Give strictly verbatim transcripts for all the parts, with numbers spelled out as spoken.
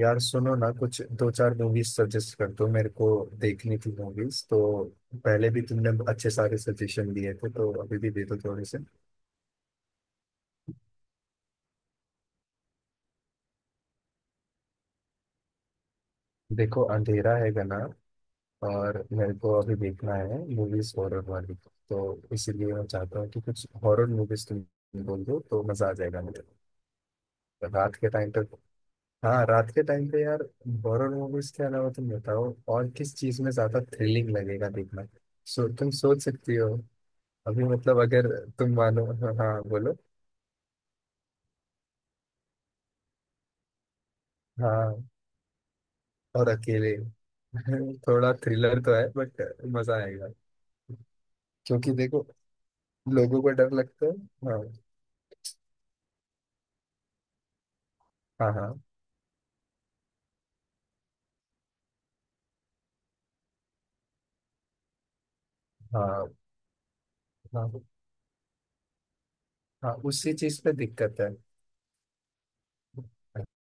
यार सुनो ना कुछ दो चार मूवीज सजेस्ट कर दो मेरे को। देखनी थी मूवीज तो पहले भी तुमने अच्छे सारे सजेशन दिए थे, तो अभी भी दे दो थोड़े से। देखो अंधेरा है गाना, और मेरे को अभी देखना है मूवीज हॉरर वाली, तो इसीलिए मैं चाहता हूँ कि कुछ हॉरर मूवीज तुम बोल दो तो मजा आ जाएगा मुझे। रात के टाइम पे। हाँ, रात के टाइम पे यार। हॉरर मूवीज के अलावा तुम बताओ और किस चीज में ज्यादा थ्रिलिंग लगेगा देखना। सो तुम सोच सकती हो। अभी मतलब अगर तुम मानो। हाँ बोलो। हाँ और अकेले। थोड़ा थ्रिलर तो है बट मजा आएगा, क्योंकि देखो लोगों को डर लगता है। हाँ, हाँ, हाँ, हाँ, हाँ, हाँ उसी चीज पे दिक्कत है।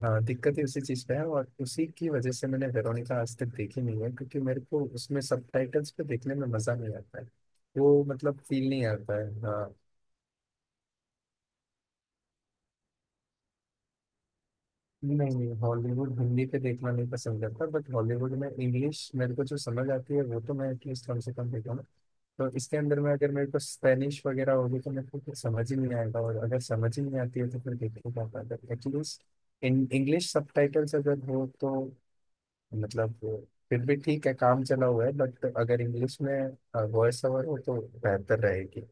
हाँ, दिक्कत ही उसी चीज पे है और उसी की वजह से मैंने वेरोनिका आज तक देखी नहीं है, क्योंकि मेरे को उसमें सबटाइटल्स पे देखने में मजा नहीं आता है। वो मतलब फील नहीं आता है। हाँ। नहीं, नहीं, हॉलीवुड हिंदी पे देखना नहीं पसंद करता, बट हॉलीवुड में इंग्लिश मेरे को जो समझ आती है वो तो मैं एटलीस्ट कम से कम देखूँ। तो इसके अंदर में अगर मेरे को स्पेनिश वगैरह होगी तो मेरे को फिर समझ ही नहीं आएगा, और अगर समझ ही नहीं आती है तो फिर देखने क्या फायदा, एटलीस्ट इन इंग्लिश सबटाइटल्स अगर हो तो मतलब फिर भी ठीक है, काम चला हुआ है, बट अगर इंग्लिश में वॉइस ओवर हो तो बेहतर रहेगी।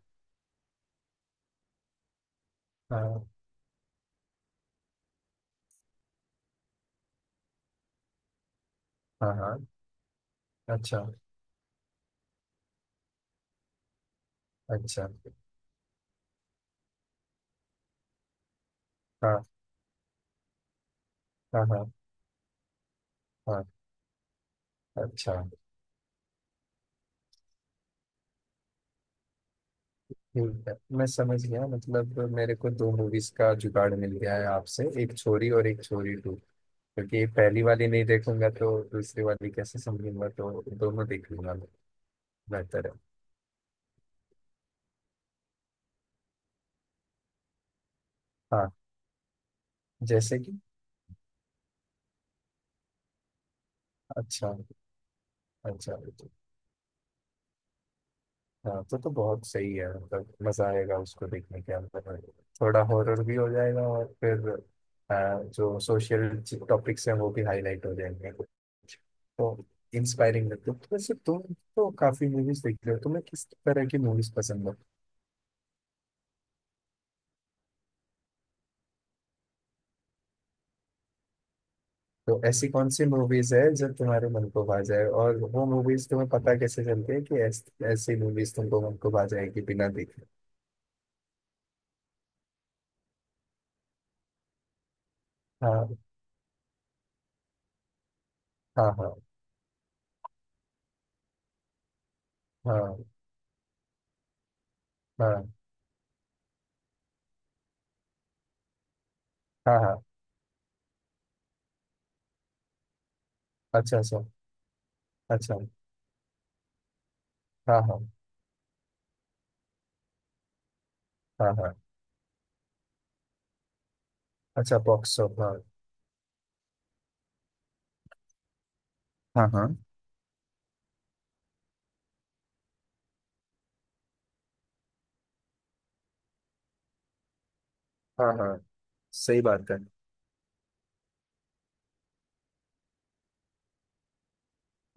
हाँ, हाँ, हाँ। अच्छा। अच्छा। हाँ, हाँ, हाँ, हाँ। अच्छा। ठीक है, मैं समझ गया, मतलब मेरे को दो मूवीज का जुगाड़ मिल गया है आपसे, एक छोरी और एक छोरी टू। क्योंकि ये पहली वाली नहीं देखूंगा तो दूसरी वाली कैसे समझूंगा, तो दोनों देख लूंगा मैं। बेहतर है। हाँ। जैसे कि। अच्छा। अच्छा। हाँ, तो तो बहुत सही है, मतलब मजा आएगा उसको देखने के अंदर। थोड़ा हॉरर भी हो जाएगा, और फिर अ, जो सोशल टॉपिक्स हैं वो भी हाईलाइट हो जाएंगे। तो इंस्पायरिंग लगता है। तो वैसे तुम तो काफी मूवीज देखते हो, तुम्हें किस तरह की मूवीज पसंद है? तो ऐसी कौन सी मूवीज है जो तुम्हारे मन को भा जाए, और वो मूवीज तुम्हें पता कैसे चलती है कि ऐस, ऐसी मूवीज तुमको मन को भा जाएगी बिना देखे? हाँ, हाँ, हाँ, हाँ, हाँ, हाँ, हाँ। अच्छा। अच्छा। अच्छा। हाँ, हाँ, हाँ, हाँ। अच्छा, बॉक्स ऑफ, हाँ। हाँ, हाँ, हाँ, हाँ। सही बात है।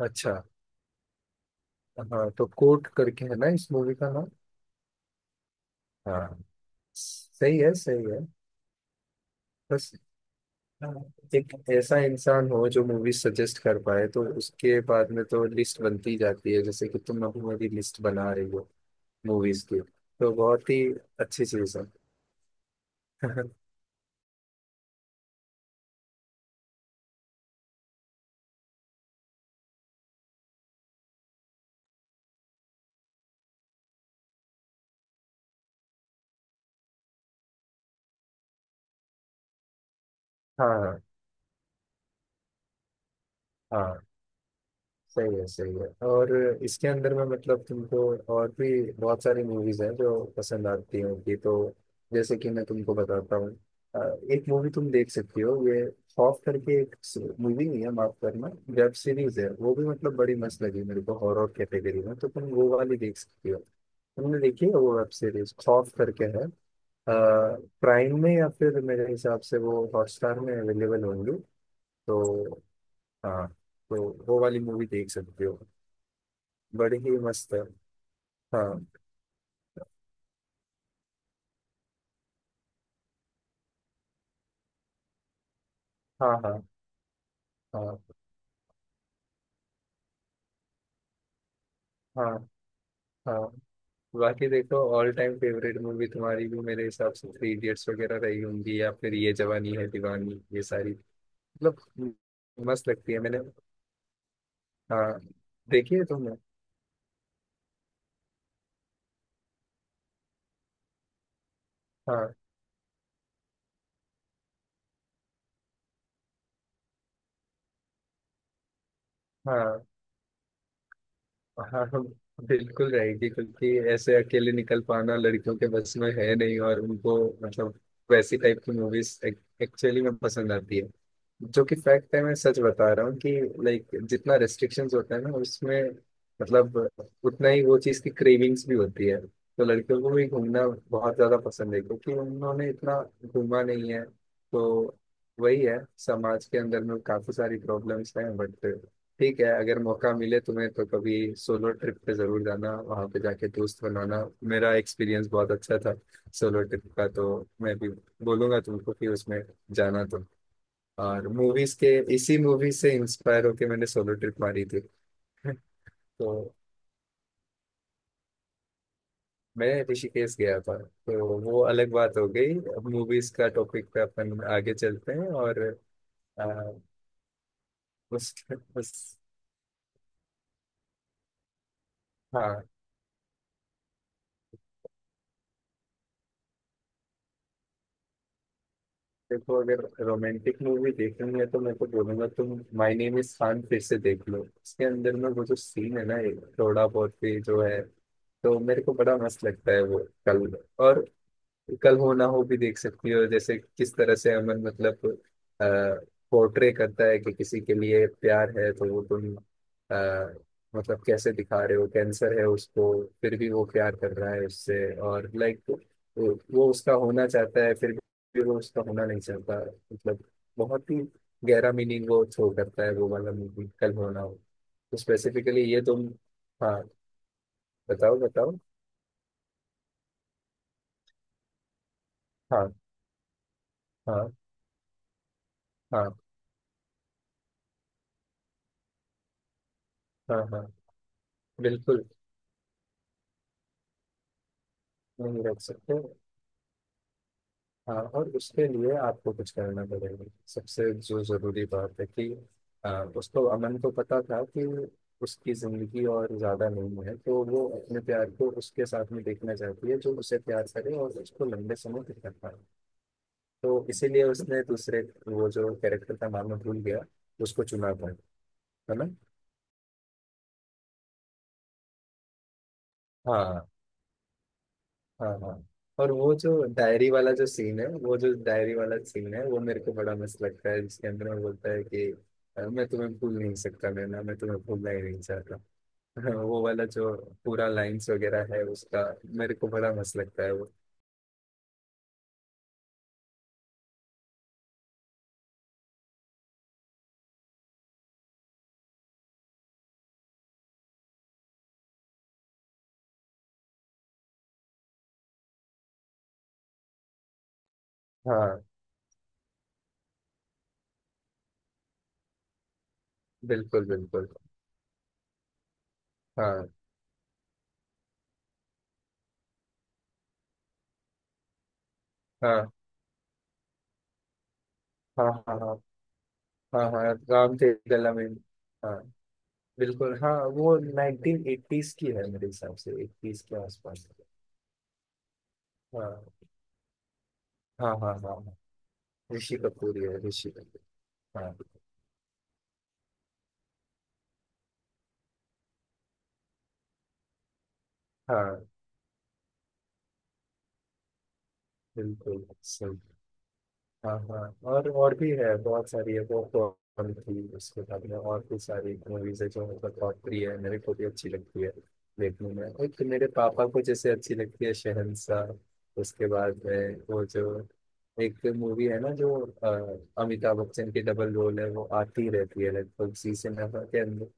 अच्छा। हाँ, तो कोर्ट करके है ना इस मूवी का नाम? हाँ। सही है, सही है। बस। हाँ, एक ऐसा इंसान हो जो मूवी सजेस्ट कर पाए तो उसके बाद में तो लिस्ट बनती जाती है, जैसे कि तुम अभी मेरी लिस्ट बना रही हो मूवीज की, तो बहुत ही अच्छी चीज है। हाँ, हाँ। सही है, सही है। और इसके अंदर में मतलब तुमको और भी बहुत सारी मूवीज हैं जो पसंद आती हैं उनकी, तो जैसे कि मैं तुमको बताता हूँ। अ, एक मूवी तुम देख सकती हो, ये खौफ करके। एक मूवी नहीं है, माफ करना, वेब सीरीज है, वो भी मतलब बड़ी मस्त लगी मेरे को हॉरर कैटेगरी में, तो तुम वो वाली देख सकती हो। तुमने देखी है वो वेब सीरीज खौफ करके है? प्राइम में या फिर मेरे हिसाब से वो हॉटस्टार में अवेलेबल होंगी। तो। हाँ। तो वो वाली मूवी देख सकते हो, बड़ी ही मस्त है। हाँ, हाँ, हाँ, हाँ, हाँ, हाँ। बाकी देखो ऑल टाइम फेवरेट मूवी तुम्हारी भी मेरे हिसाब से थ्री इडियट्स वगैरह रही होंगी, या फिर ये जवानी है दीवानी, ये सारी, मतलब मस्त लगती है मैंने। हाँ। देखी है तुमने? हाँ, हाँ, हाँ। हाँ, बिल्कुल रहेगी, क्योंकि ऐसे अकेले निकल पाना लड़कियों के बस में है नहीं, और उनको मतलब वैसी टाइप की मूवीज एक्चुअली में पसंद आती है, जो कि फैक्ट है, मैं सच बता रहा हूँ कि लाइक जितना रेस्ट्रिक्शंस होता है ना उसमें, मतलब उतना ही वो चीज़ की क्रेविंग्स भी होती है, तो लड़कियों को भी घूमना बहुत ज़्यादा पसंद है, क्योंकि उन्होंने इतना घूमा नहीं है। तो वही है, समाज के अंदर में काफ़ी सारी प्रॉब्लम्स हैं, बट ठीक है, अगर मौका मिले तुम्हें तो कभी सोलो ट्रिप पे ज़रूर जाना, वहाँ पे जाके दोस्त बनाना। मेरा एक्सपीरियंस बहुत अच्छा था सोलो ट्रिप का, तो मैं भी बोलूँगा तुमको कि उसमें जाना तो। और मूवीज के इसी मूवी से इंस्पायर होके मैंने सोलो ट्रिप मारी थी। तो मैं ऋषिकेश गया था। तो वो अलग बात हो गई, अब मूवीज का टॉपिक पे अपन आगे चलते हैं, और आ, उस, उस हाँ, देखो अगर रोमांटिक मूवी देखनी है तो मैं तो बोलूंगा तुम माय नेम इज खान फिर से देख लो, उसके अंदर में वो जो सीन है ना, ये थोड़ा बहुत भी जो है तो मेरे को बड़ा मस्त लगता है वो। कल, और कल हो ना हो भी देख सकती हो, जैसे किस तरह से अमन मतलब पोर्ट्रे करता है कि किसी के लिए प्यार है, तो वो तुम आ, मतलब, कैसे दिखा रहे हो कैंसर है उसको फिर भी वो प्यार कर रहा है उससे, और लाइक वो वो उसका होना चाहता है फिर भी वो उसका होना नहीं चाहता, मतलब बहुत ही गहरा मीनिंग वो थ्रो करता है, वो वाला मूवी कल हो ना हो। तो स्पेसिफिकली ये तुम। हाँ। बताओ बताओ। हाँ, हाँ, हाँ, हाँ, हाँ। बिल्कुल नहीं रख सकते। हाँ, और उसके लिए आपको कुछ करना पड़ेगा, सबसे जो जरूरी बात है कि आ, उसको अमन को पता था कि उसकी जिंदगी और ज्यादा नहीं है, तो वो अपने प्यार को उसके साथ में देखना चाहती है जो उसे प्यार करे और उसको लंबे समय तक कर पाए। तो इसीलिए उसने दूसरे, वो जो कैरेक्टर का नाम मैं भूल गया, उसको चुना था, है ना? हाँ, हाँ, हाँ। और वो जो डायरी वाला जो सीन है, वो जो डायरी वाला सीन है, वो मेरे को बड़ा मस्त लगता है, जिसके अंदर वो बोलता है कि, "अ, मैं तुम्हें भूल नहीं सकता नैना, मैं तुम्हें भूलना ही नहीं चाहता।" हाँ, वो वाला जो पूरा लाइंस वगैरह है उसका मेरे को बड़ा मस्त लगता है वो। हाँ, बिल्कुल, बिल्कुल। हाँ, हाँ, हाँ, हाँ, हाँ, हाँ, हाँ। राम थे गला में। हाँ। बिल्कुल। हाँ, वो नाइनटीन एटीज़ की है मेरे हिसाब से, एटीज़ के आसपास। हाँ, हाँ, हाँ, हाँ, हाँ। ऋषि कपूर ही है, ऋषि कपूर। हाँ, हाँ। बिल्कुल। सही। हाँ, हाँ। और और भी है बहुत सारी है, वो कौन थी, उसके बाद में और भी सारी मूवीज है, जो मतलब बहुत प्रिय है मेरे को, भी अच्छी लगती है देखने में। एक तो मेरे पापा को जैसे अच्छी लगती है शहंशाह, उसके बाद में वो जो एक मूवी है ना, जो अ, अमिताभ बच्चन की डबल रोल है, वो आती रहती है लगभग सीजन के अंदर।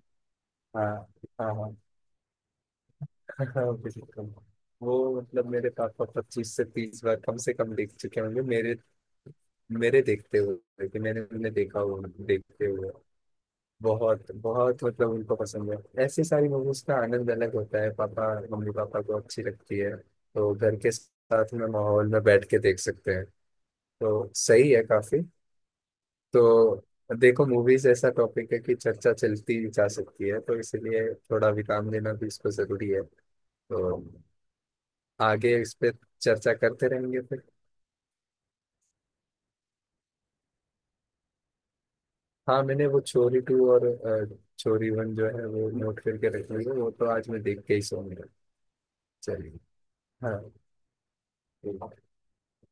हाँ, हाँ, हाँ। बिल्कुल। वो मतलब मेरे पापा पच्चीस से तीस बार कम से कम देख चुके होंगे, मेरे मेरे देखते हुए कि मैंने उन्हें देखा हुआ, देखते हुए। बहुत बहुत मतलब उनको पसंद है, ऐसी सारी मूवीज का आनंद अलग होता है, पापा मम्मी पापा को अच्छी लगती है तो घर के साथ में माहौल में बैठ के देख सकते हैं, तो सही है काफी। तो देखो मूवीज ऐसा टॉपिक है कि चर्चा चलती जा सकती है, तो इसलिए थोड़ा विराम लेना भी इसको जरूरी है, तो आगे इस पे चर्चा करते रहेंगे फिर। हाँ, मैंने वो चोरी टू और अ, चोरी वन जो है वो नोट करके रखी है, वो तो आज मैं देख के ही सोऊंगा। चलिए। हाँ। ठीक।